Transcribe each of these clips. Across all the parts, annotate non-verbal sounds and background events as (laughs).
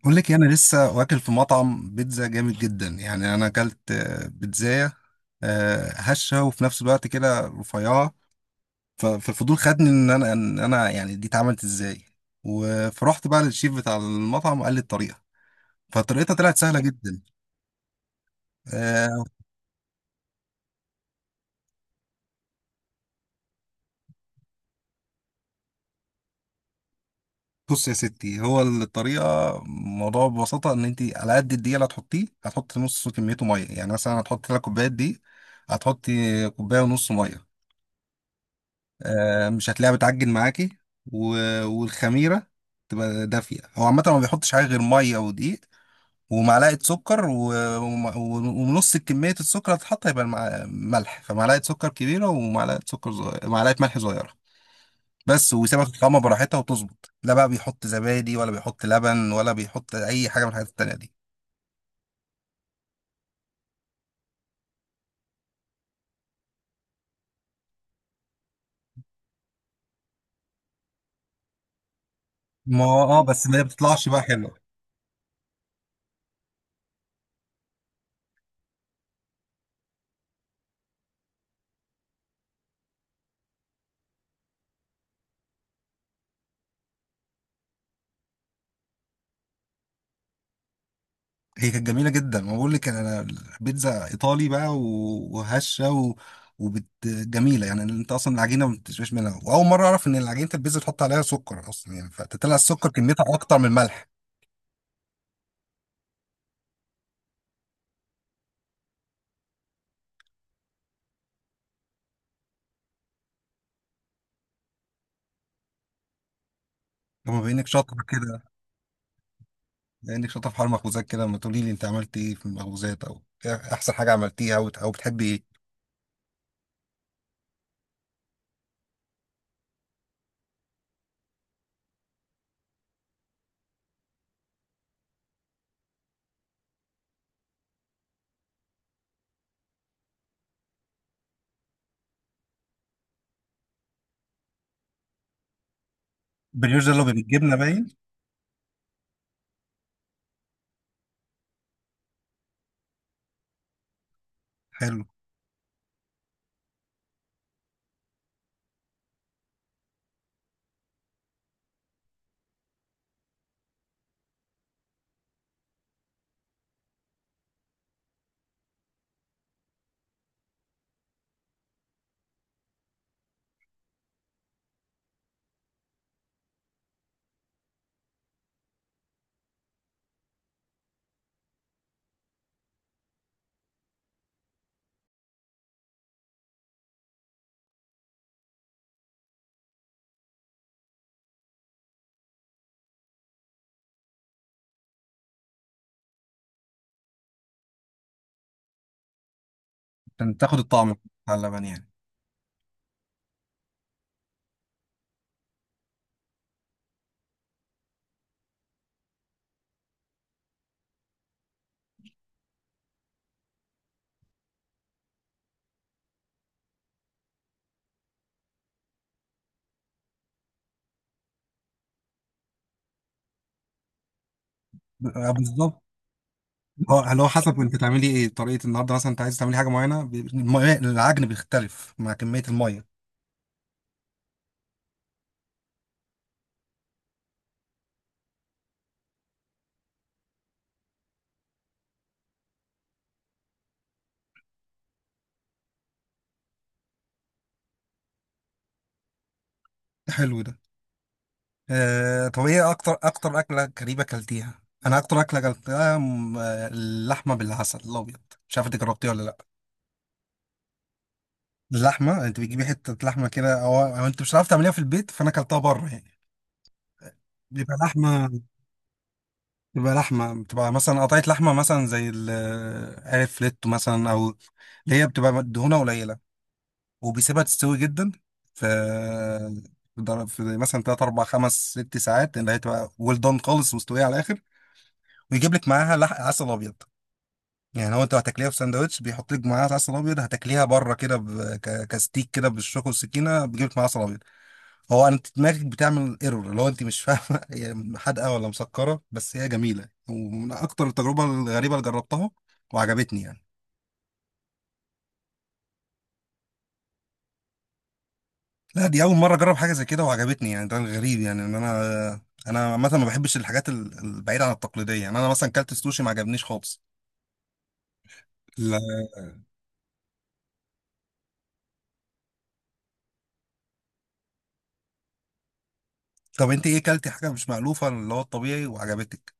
بقول لك إيه، انا لسه واكل في مطعم بيتزا جامد جدا. انا اكلت بيتزايه هشه وفي نفس الوقت كده رفيعه. ف- فالفضول خدني ان انا ان انا دي اتعملت ازاي. و- فرحت بقى للشيف بتاع المطعم وقال لي الطريقه فطريقتها طلعت سهله جدا آه، بص يا ستي، هو الطريقه الموضوع ببساطه ان انت على قد الدقيق اللي هتحطيه هتحطي نص كميته ميه. مثلا هتحطي ثلاث كوبايات دي، هتحطي كوبايه ونص ميه. مش هتلاقيها بتعجن معاكي، و... والخميرة تبقى دافية. هو عامة ما بيحطش حاجة غير مية ودقيق ومعلقة سكر، و... وم- ونص كمية السكر هتتحط هيبقى المع... ملح فمعلقة سكر كبيرة ومعلقة سكر صغيرة، معلقة ملح صغيرة بس، ويسيبها تتقمى براحتها وتظبط. لا بقى بيحط زبادي ولا بيحط لبن ولا بيحط أي حاجة من الحاجات التانية دي. ما هو اه، بس ما بتطلعش بقى حلوة. هي كانت جميله جدا، ما بقول لك انا، بيتزا ايطالي بقى، و- وهشه وبت جميله. انت اصلا العجينه ما بتشبهش منها، واول مره اعرف ان العجينه البيتزا تحط عليها سكر اصلا. فتطلع السكر كميتها اكتر من الملح. لما بينك شاطر كده، بينك شاطر في حوار المخبوزات كده، ما تقولي لي انت عملت ايه في المخبوزات، او إيه احسن حاجه عملتيها، او بتحبي ايه؟ البريوش ده اللي هو بالجبنه باين؟ حلو. عشان تاخد الطعم بتاع اللبن يعني؟ بالظبط. اه، اللي هو حسب انت تعملي ايه طريقه النهارده، مثلا انت عايز تعملي حاجه معينه، العجن بيختلف مع كميه الميه. حلو ده. آه، طب ايه اكتر اكله غريبه اكلتيها؟ انا اكتر اكله اكلتها اللحمه بالعسل الابيض، مش عارف انت جربتيها ولا لا. اللحمه، انت بتجيبي حته لحمه كده، او انت مش عارف تعمليها في البيت، فانا اكلتها بره يعني. بيبقى لحمة بيبقى لحمة، بتبقى مثلا قطعة لحمة، مثلا زي عارف، فليتو مثلا، أو اللي هي بتبقى دهونها قليلة، وبيسيبها تستوي جدا ف في مثلا 3 4 5 6 ساعات، اللي هي تبقى ويل دون خالص، مستويه على الاخر، ويجيب لك معاها لحق عسل ابيض. يعني هو، انت هتاكليها في ساندوتش بيحط لك معاها عسل ابيض، هتاكليها بره كده كستيك كده بالشوكه والسكينه بيجيب لك معاها عسل ابيض. هو انت دماغك بتعمل ايرور اللي هو انت مش فاهمه (laughs) هي حادقه ولا مسكره، بس هي جميله ومن اكتر التجربه الغريبه اللي جربتها وعجبتني يعني. لا، دي اول مره اجرب حاجه زي كده وعجبتني يعني. ده غريب يعني، ان انا انا عامه ما بحبش الحاجات البعيده عن التقليديه. يعني انا مثلا كلت السوشي ما عجبنيش خالص، لا. طب انت ايه كلتي حاجه مش مألوفه اللي هو الطبيعي وعجبتك؟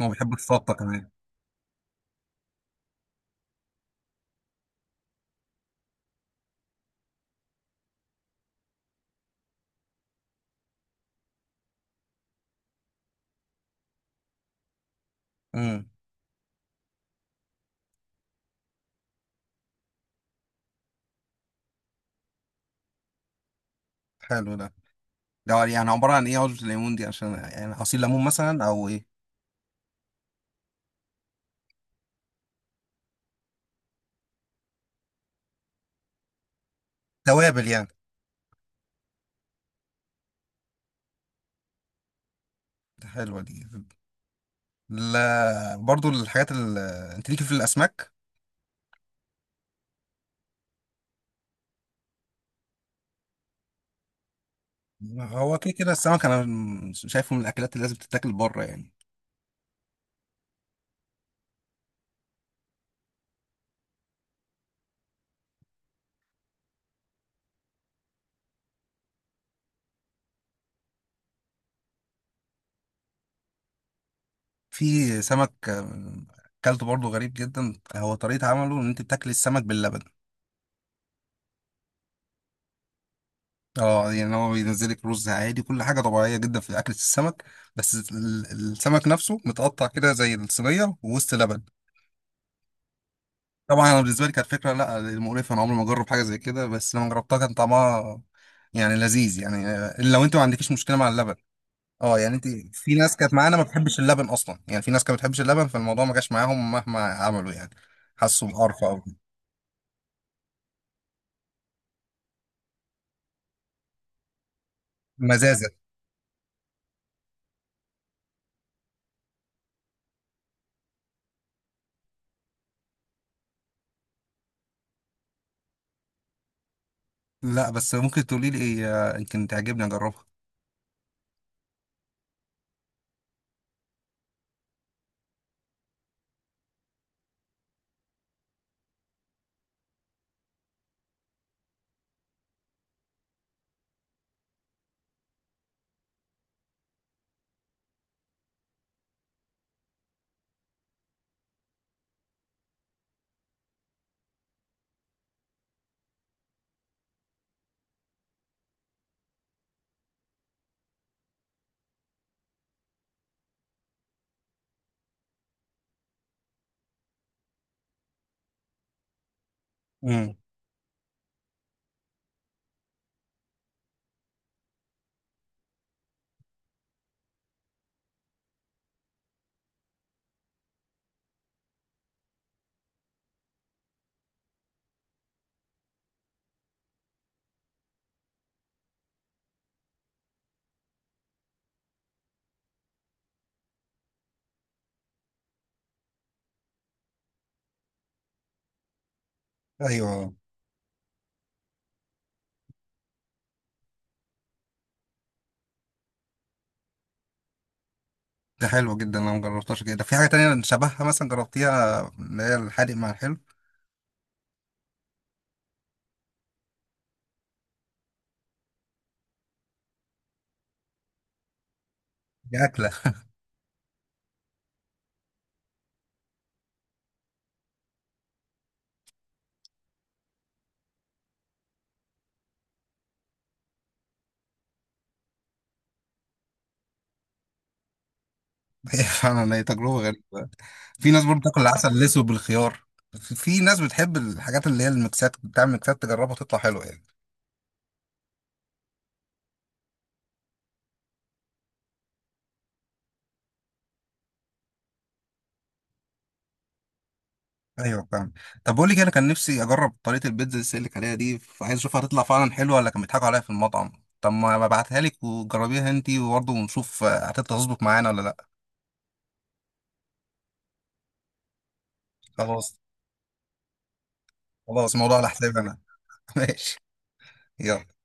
هو بيحب السلطه كمان. امم. حلو ده. ده يعني عبارة عن ايه؟ عصرة الليمون دي؟ عشان يعني عصير ليمون مثلا او ايه؟ توابل يعني. حلوه دي. لا برضو انت ليكي في الاسماك. هو كده كده السمك انا شايفه من الاكلات اللي لازم تتاكل بره يعني. في سمك اكلته برضه غريب جدا، هو طريقة عمله ان انت بتاكل السمك باللبن. اه، يعني هو بينزلك رز عادي، كل حاجة طبيعية جدا في اكلة السمك، بس السمك نفسه متقطع كده زي الصينية ووسط لبن. طبعا انا بالنسبة لي كانت فكرة لا، مقرفة، انا عمري ما اجرب حاجة زي كده، بس لما جربتها كان طعمها يعني لذيذ يعني. لو انت ما عندكيش مشكلة مع اللبن. اه، يعني انت، في ناس كانت معانا ما بتحبش اللبن اصلا، يعني في ناس كانت ما بتحبش اللبن فالموضوع ما جاش معاهم مهما عملوا. يعني حسوا بقرفة او مزازة. لا بس ممكن تقولي لي ايه، يمكن تعجبني اجربها. امم. ايوه. ده حلو جدا، انا ما جربتهاش. كده في حاجه تانية شبهها مثلا جربتيها، اللي هي الحادق مع الحلو؟ دي اكله. (laughs) هي فعلا، هي تجربه غريبه. في ناس برضه بتاكل العسل الاسود بالخيار. في في ناس بتحب الحاجات اللي هي الميكسات، بتعمل ميكسات تجربها تطلع حلوه يعني. ايوه فاهم. طب بقول لك إيه، انا كان نفسي اجرب طريقه البيتزا اللي لك عليها دي، فعايز اشوفها هتطلع فعلا حلوه ولا كانوا بيضحكوا عليها في المطعم. طب ما ببعتها لك وجربيها انتي وبرضه ونشوف هتطلع تظبط معانا ولا لا. خلاص. خلاص، الموضوع على حسابي انا. (laughs) ماشي. يلا.